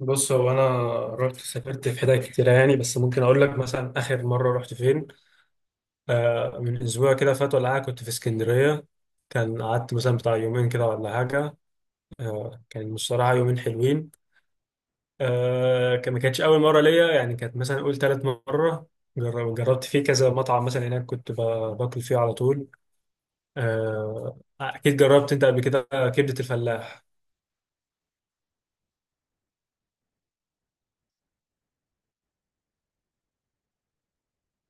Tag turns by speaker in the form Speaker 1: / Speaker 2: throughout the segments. Speaker 1: بص هو انا رحت سافرت في حتت كتيره يعني، بس ممكن اقول لك مثلا اخر مره رحت فين. آه، من اسبوع كده فات ولا حاجه كنت في اسكندريه. كان قعدت مثلا بتاع يومين كده ولا حاجه. آه كان بصراحه يومين حلوين. آه كان ما كانتش اول مره ليا، يعني كانت مثلا اقول تالت مره. جربت فيه كذا مطعم مثلا هناك، كنت باكل فيه على طول. آه اكيد جربت انت قبل كده، كبده الفلاح.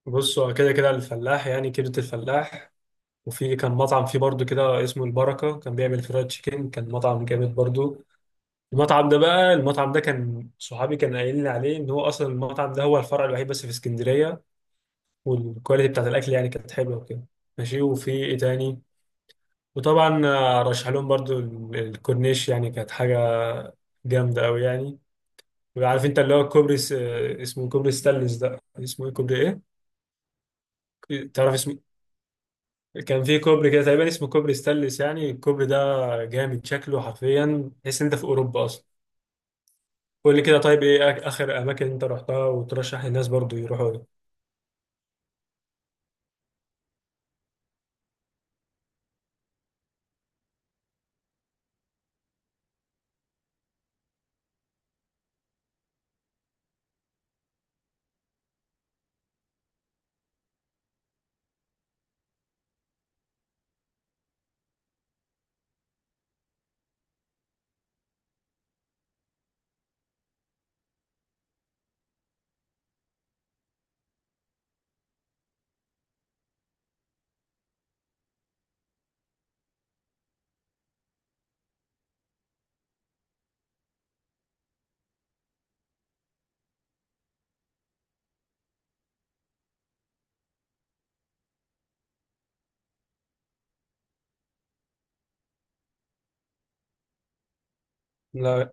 Speaker 1: بص هو كده كده الفلاح، يعني كبده الفلاح. وفي كان مطعم فيه برضو كده اسمه البركة، كان بيعمل فرايد تشيكن، كان مطعم جامد برضو. المطعم ده كان صحابي كان قايل لي عليه ان هو اصلا المطعم ده هو الفرع الوحيد بس في اسكندرية، والكواليتي بتاعت الاكل يعني كانت حلوة وكده. ماشي، وفي ايه تاني؟ وطبعا آه، رشح لهم برضو الكورنيش، يعني كانت حاجة جامدة قوي يعني. وعارف انت اللي هو الكوبري س- آه، اسمه كوبري ستانلس، ده اسمه ايه كوبري ايه؟ تعرف اسمه؟ كان في كوبري كده تقريبا اسمه كوبري ستانلس، يعني الكوبري ده جامد شكله، حرفيا تحس إن انت في اوروبا اصلا. قول لي كده طيب، ايه اخر اماكن انت رحتها وترشح للناس برضو يروحوا لها؟ لا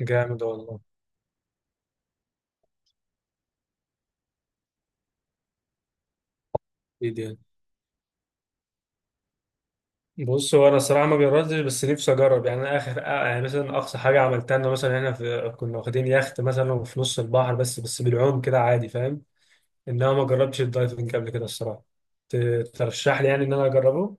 Speaker 1: جامد والله. ايه دي؟ بص هو انا الصراحه ما جربتش، بس نفسي اجرب يعني. أنا اخر آه، يعني مثلا اقصى حاجه عملتها ان مثلا احنا في كنا واخدين يخت مثلا في نص البحر، بس بالعوم كده عادي، فاهم. انما ما جربتش الدايفنج قبل كده الصراحه. ت- ترشح لي يعني ان انا اجربه؟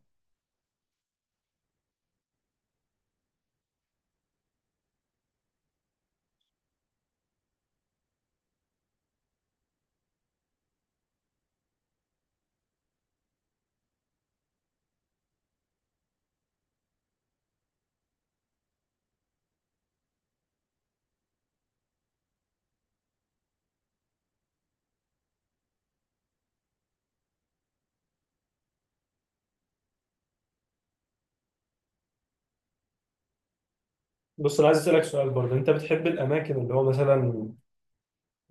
Speaker 1: بص انا عايز اسالك سؤال برضه، انت بتحب الاماكن اللي هو مثلا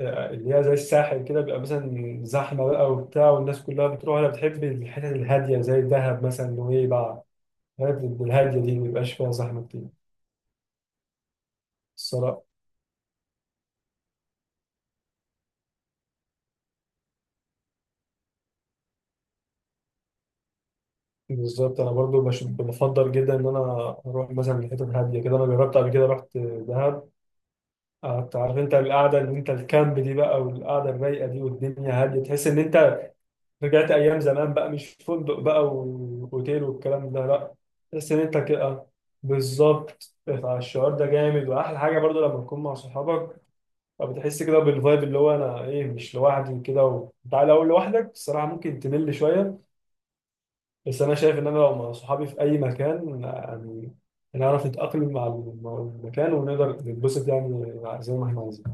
Speaker 1: آه، اللي هي زي الساحل كده بيبقى مثلا زحمة بقى وبتاع والناس كلها بتروح؟ أنا بتحب الحتت الهادية، زي دهب مثلا، نويبع. الحتت الهادية دي مبيبقاش فيها زحمة كتير الصراحة. بالظبط، أنا برضو بفضل جدا إن أنا أروح مثلا لحتت هادية كده. أنا جربت قبل كده، رحت دهب قعدت، عارف أنت القعدة اللي أنت الكامب دي بقى، والقعدة الرايقة دي والدنيا هادية، تحس إن أنت رجعت ايام زمان بقى، مش فندق بقى واوتيل والكلام ده لا. تحس ان انت كده بالظبط. فالشعور ده جامد، واحلى حاجه برضو لما تكون مع صحابك، فبتحس كده بالفايب اللي هو انا ايه مش لوحدي كده. و... انت لو لوحدك الصراحه ممكن تمل شويه، بس انا شايف ان انا لو مع صحابي في اي مكان يعني، نعرف نتاقلم مع مع المكان ونقدر نتبسط يعني، زي ما احنا عايزين.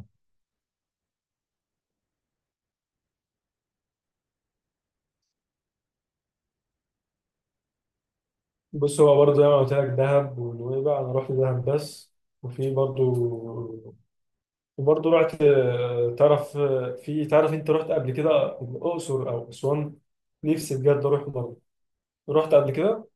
Speaker 1: بص هو برضه زي ما قلت لك، دهب ونويبع، انا رحت دهب بس. وفي برضه، وبرضه رحت آه، تعرف آه، في تعرف انت رحت قبل كده الاقصر او اسوان؟ نفسي بجد اروح برضه، رحت قبل كده.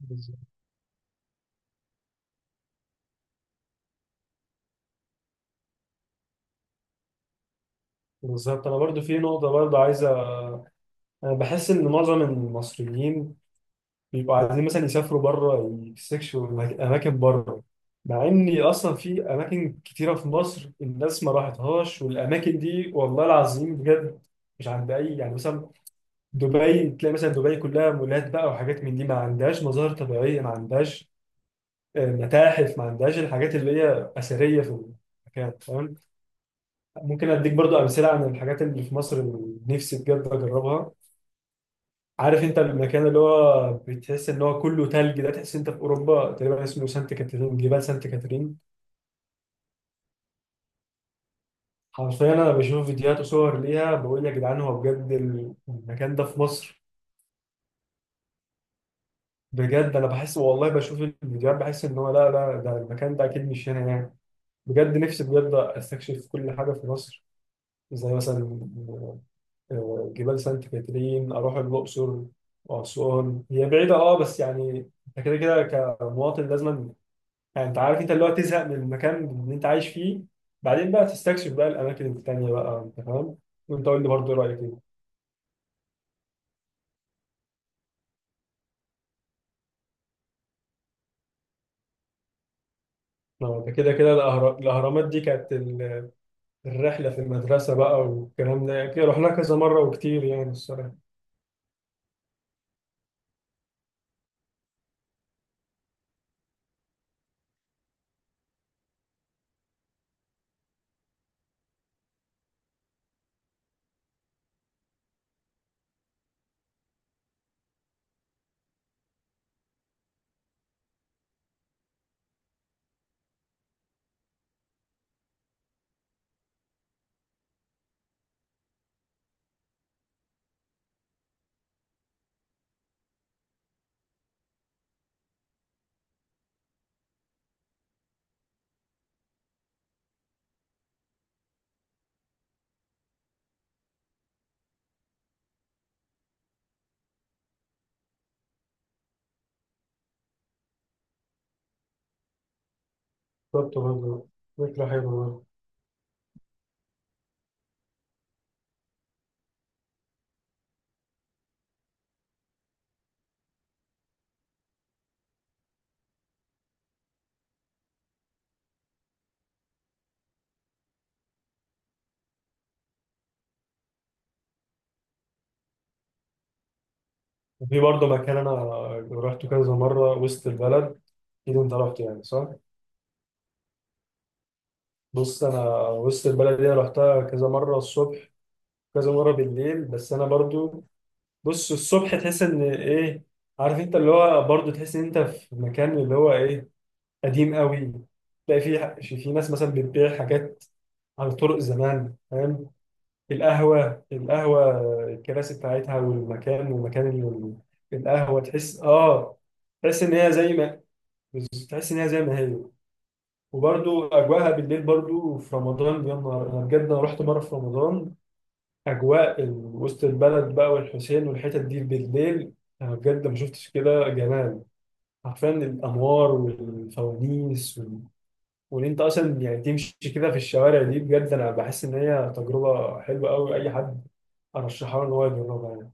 Speaker 1: بالظبط. بالظبط، انا برضه في نقطه برضه عايزه. انا بحس ان معظم المصريين بيبقوا عايزين مثلا يسافروا بره، يستكشفوا اماكن بره، مع ان اصلا في اماكن كتيره في مصر الناس ما راحتهاش، والاماكن دي والله العظيم بجد مش عند اي، يعني مثلا دبي، تلاقي مثلا دبي كلها مولات بقى وحاجات من دي، ما عندهاش مظاهر طبيعية، ما عندهاش آه، متاحف، ما عندهاش الحاجات اللي هي أثرية في المكان، فاهم. ممكن أديك برضو أمثلة عن الحاجات اللي في مصر اللي نفسي بجد أجربها. عارف أنت المكان اللي هو بتحس إن هو كله تلج ده، تحس أنت في أوروبا تقريبا، اسمه سانت كاترين، جبال سانت كاترين. حرفيا أنا بشوف فيديوهات وصور ليها بقول يا جدعان هو بجد المكان ده في مصر؟ بجد أنا بحس والله بشوف الفيديوهات بحس إن هو لا لا، ده المكان ده أكيد مش هنا يعني. بجد نفسي بجد استكشف كل حاجه في مصر، زي مثلا آه، جبال سانت كاترين، اروح الاقصر واسوان. هي بعيده اه، بس يعني انت كده كده كمواطن لازم، يعني انت عارف انت اللي هو تزهق من المكان اللي انت عايش فيه، بعدين بقى تستكشف بقى الاماكن التانيه بقى، انت فاهم. وانت قول لي برضه رايك ايه. آه، ده كده كده الاهرامات دي كانت الرحله في المدرسه بقى والكلام ده، يعني رحنا كذا مره وكتير يعني الصراحه. بالظبط برضه، فكره حلوه برضه. وفي برضه مكان أنا روحته كذا مرة، وسط البلد، أكيد أنت رحت يعني صح؟ بص أنا، وسط البلد دي أنا رحتها كذا مرة الصبح، كذا مرة بالليل، بس أنا برضه بص الصبح تحس إن إيه، عارف أنت اللي هو برضه تحس إن أنت في مكان اللي هو إيه، قديم قوي. تلاقي في في ناس مثلا بتبيع حاجات على طرق زمان فاهم، القهوة، القهوة الكراسي بتاعتها والمكان، ومكان القهوة، تحس اه، تحس ان هي زي ما، تحس ان هي زي ما هي. وبرده اجواءها بالليل برده في رمضان، يا نهار، انا بجد انا رحت مره في رمضان، اجواء وسط البلد بقى والحسين والحتت دي بالليل، انا بجد ما شفتش كده جمال، حرفيا الانوار والفوانيس وال... وان انت اصلا يعني تمشي كده في الشوارع دي، بجد انا بحس ان هي تجربه حلوه قوي، اي حد ارشحها له ان هو يجربها يعني.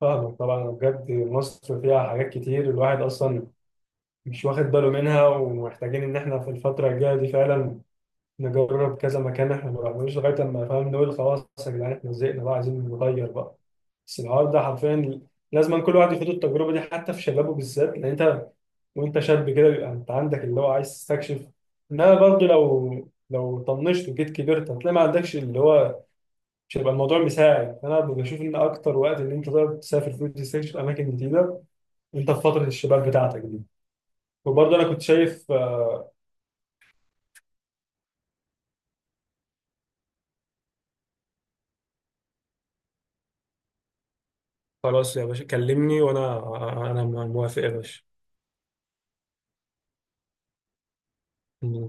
Speaker 1: فاهمك طبعا، بجد مصر فيها حاجات كتير الواحد اصلا مش واخد باله منها، ومحتاجين ان احنا في الفتره الجايه دي فعلا نجرب كذا مكان احنا ما رحناش لغايه لما فاهم، نقول خلاص يا جدعان احنا زهقنا بقى، عايزين نغير بقى. بس الحوار ده حرفيا لازم كل واحد يخوض التجربه دي، حتى في شبابه بالذات، لان انت وانت شاب كده بيبقى انت عندك اللي هو عايز تستكشف، انما برضه لو طنشت وجيت كبرت هتلاقي ما عندكش اللي هو، مش هيبقى الموضوع مساعد. فانا بشوف ان اكتر وقت ان انت تقدر تسافر فيه وتستكشف اماكن جديده، انت في فتره الشباب بتاعتك دي. وبرضه انا كنت شايف آه، خلاص يا باشا كلمني، انا موافق يا باشا.